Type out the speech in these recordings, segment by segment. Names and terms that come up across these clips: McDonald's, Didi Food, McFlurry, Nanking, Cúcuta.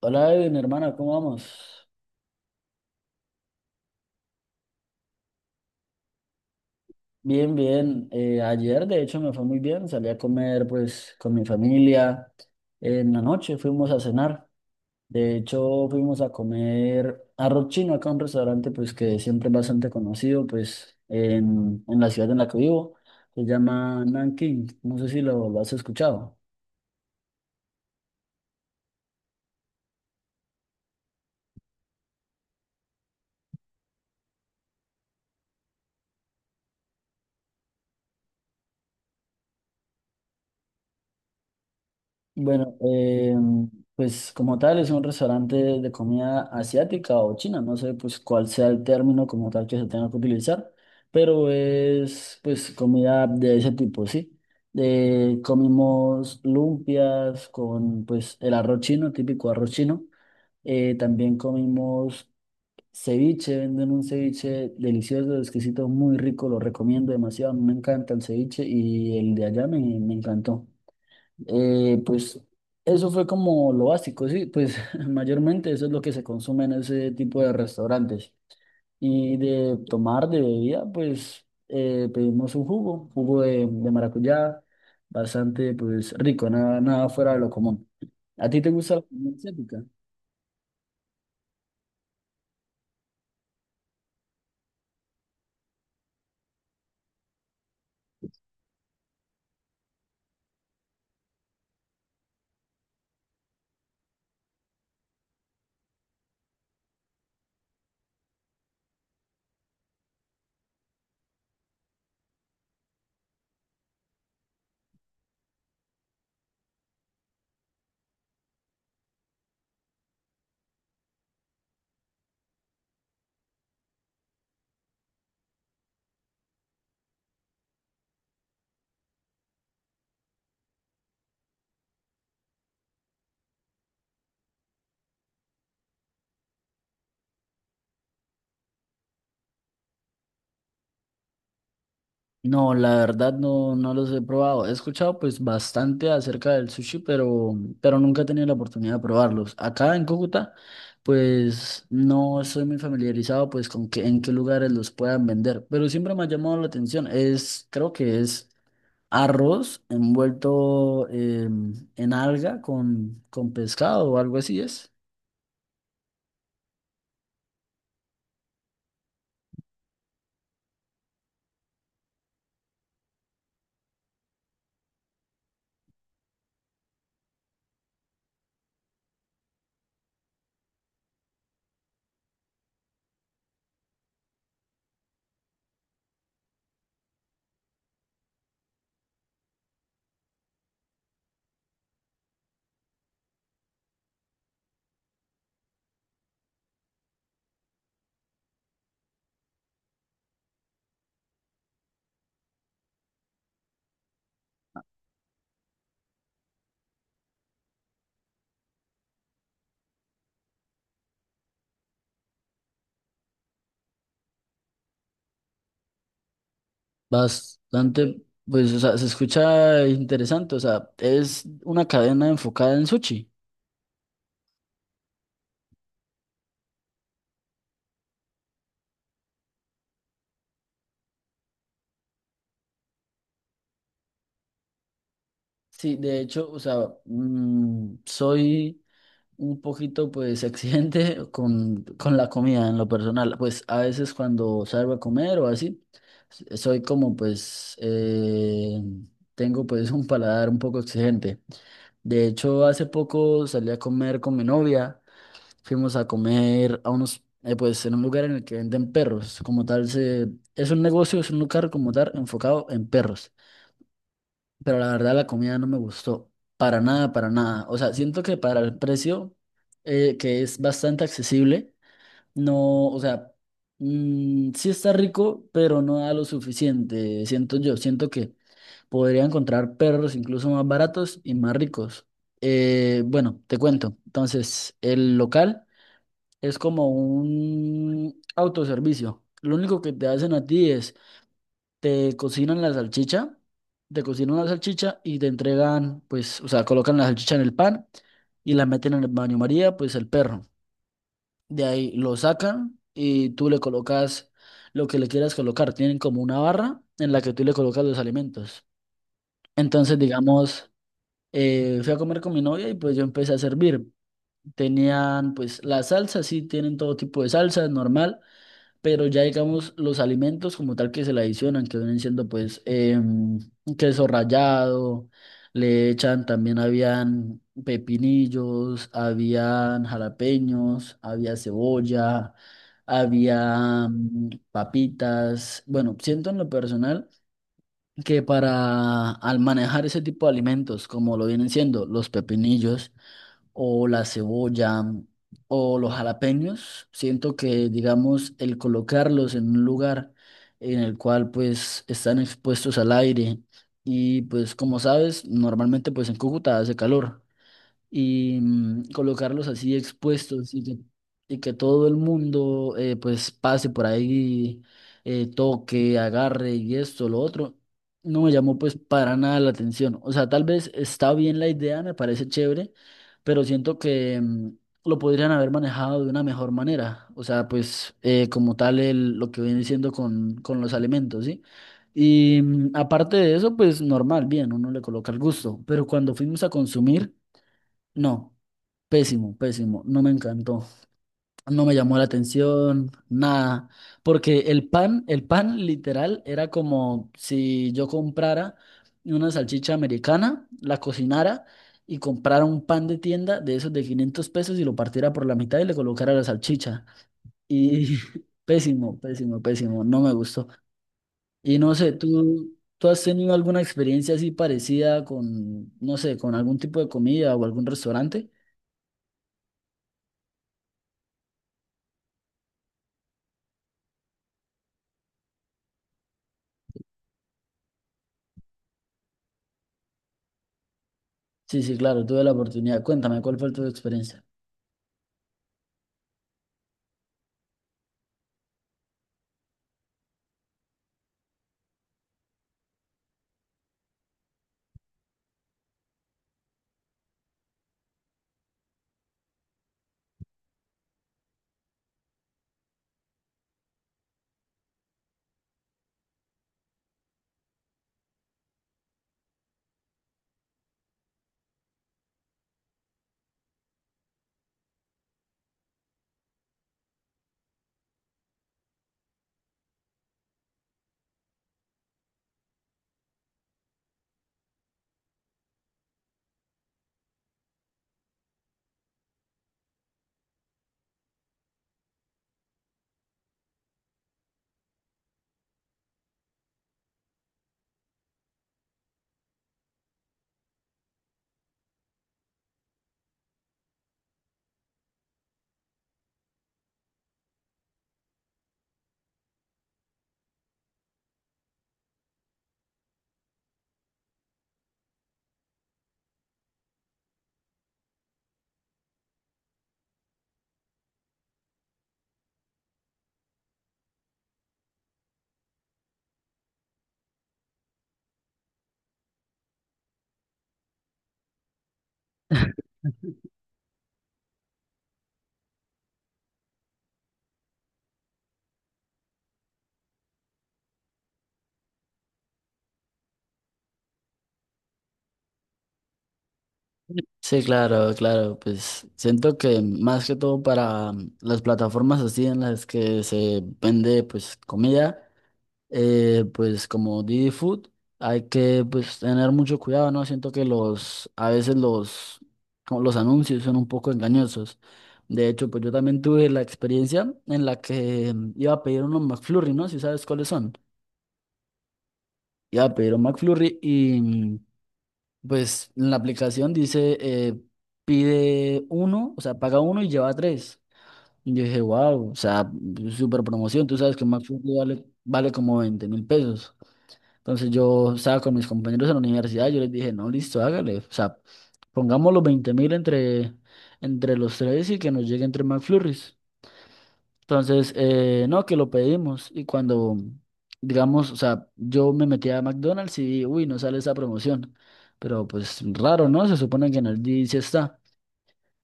Hola, Edwin, hermana, ¿cómo vamos? Bien, bien. Ayer, de hecho, me fue muy bien. Salí a comer, pues, con mi familia. En la noche fuimos a cenar. De hecho, fuimos a comer arroz chino acá un restaurante, pues, que siempre es bastante conocido, pues, en la ciudad en la que vivo. Se llama Nanking. No sé si lo has escuchado. Bueno, pues como tal es un restaurante de comida asiática o china, no sé pues cuál sea el término como tal que se tenga que utilizar, pero es pues comida de ese tipo, sí. Comimos lumpias con pues el arroz chino, típico arroz chino. También comimos ceviche, venden un ceviche delicioso, exquisito, muy rico, lo recomiendo demasiado, a mí me encanta el ceviche y el de allá me encantó. Pues eso fue como lo básico, sí, pues mayormente eso es lo que se consume en ese tipo de restaurantes. Y de tomar, de bebida, pues pedimos un jugo, jugo de maracuyá, bastante pues rico, nada, nada fuera de lo común. ¿A ti te gusta la comida asiática? No, la verdad no, no los he probado. He escuchado pues bastante acerca del sushi, pero nunca he tenido la oportunidad de probarlos. Acá en Cúcuta, pues no estoy muy familiarizado pues con que, en qué lugares los puedan vender, pero siempre me ha llamado la atención. Creo que es arroz envuelto en alga con pescado o algo así es. Bastante, pues o sea, se escucha interesante. O sea, es una cadena enfocada en sushi. Sí, de hecho, o sea, soy un poquito pues exigente con la comida en lo personal. Pues a veces cuando salgo a comer o así, soy como pues, tengo pues un paladar un poco exigente. De hecho, hace poco salí a comer con mi novia, fuimos a comer a pues en un lugar en el que venden perros, como tal, es un negocio, es un lugar como tal enfocado en perros, pero la verdad la comida no me gustó para nada, para nada. O sea, siento que para el precio, que es bastante accesible, no, o sea, sí está rico, pero no da lo suficiente, siento yo, siento que podría encontrar perros incluso más baratos y más ricos. Bueno, te cuento. Entonces, el local es como un autoservicio. Lo único que te hacen a ti es te cocinan la salchicha, te cocinan la salchicha y te entregan, pues, o sea, colocan la salchicha en el pan y la meten en el baño María, pues el perro. De ahí lo sacan y tú le colocas lo que le quieras colocar. Tienen como una barra en la que tú le colocas los alimentos. Entonces, digamos, fui a comer con mi novia y pues yo empecé a servir. Tenían pues las salsas, sí, tienen todo tipo de salsas, normal, pero ya digamos los alimentos como tal que se le adicionan, que vienen siendo pues queso rallado, le echan también habían pepinillos, habían jalapeños, había cebolla, había papitas. Bueno, siento en lo personal que para al manejar ese tipo de alimentos, como lo vienen siendo los pepinillos, o la cebolla o los jalapeños. Siento que, digamos, el colocarlos en un lugar en el cual pues están expuestos al aire y pues como sabes, normalmente pues en Cúcuta hace calor y colocarlos así expuestos y que, todo el mundo pues pase por ahí, toque, agarre y esto, lo otro, no me llamó pues para nada la atención. O sea, tal vez está bien la idea, me parece chévere, pero siento que lo podrían haber manejado de una mejor manera. O sea, pues como tal lo que viene siendo con los alimentos, ¿sí? Y aparte de eso, pues normal, bien, uno le coloca el gusto, pero cuando fuimos a consumir. No, pésimo, pésimo, no me encantó, no me llamó la atención, nada, porque el pan literal era como si yo comprara una salchicha americana, la cocinara y comprara un pan de tienda de esos de 500 pesos y lo partiera por la mitad y le colocara la salchicha. Y pésimo, pésimo, pésimo, no me gustó. Y no sé, ¿tú has tenido alguna experiencia así parecida con, no sé, con algún tipo de comida o algún restaurante? Sí, sí, claro, tuve la oportunidad. Cuéntame, ¿cuál fue tu experiencia? Sí, claro, claro, pues siento que más que todo para las plataformas así en las que se vende pues comida, pues como Didi Food, hay que pues tener mucho cuidado, ¿no? Siento que a veces como los anuncios son un poco engañosos. De hecho, pues yo también tuve la experiencia en la que iba a pedir unos McFlurry, ¿no? Si sabes cuáles son. Iba a pedir un McFlurry y pues en la aplicación dice, pide uno, o sea, paga uno y lleva tres. Y yo dije, wow, o sea, súper promoción. Tú sabes que un McFlurry vale como 20.000 pesos. Entonces yo estaba con mis compañeros en la universidad, yo les dije, no, listo, hágale. O sea, pongamos los 20.000 entre los tres y que nos lleguen tres McFlurries. Entonces, no, que lo pedimos y cuando, digamos, o sea, yo me metí a McDonald's y vi, uy, no sale esa promoción, pero pues raro, ¿no? Se supone que en el día sí está.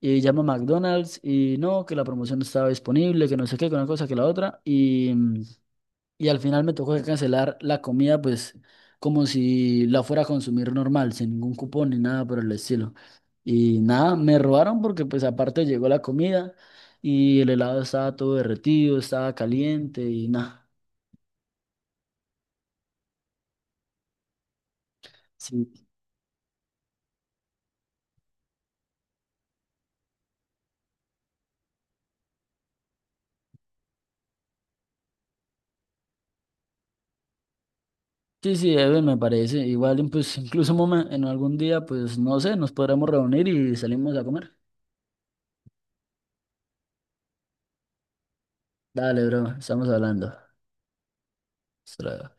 Y llamo a McDonald's y no, que la promoción no estaba disponible, que no sé qué, que una cosa, que la otra, y al final me tocó que cancelar la comida, pues como si la fuera a consumir normal, sin ningún cupón ni nada por el estilo. Y nada, me robaron porque pues aparte llegó la comida y el helado estaba todo derretido, estaba caliente y nada. Sí, sí, sí, Eben, me parece. Igual, pues incluso en algún día, pues no sé, nos podremos reunir y salimos a comer. Dale, bro, estamos hablando. Hasta luego.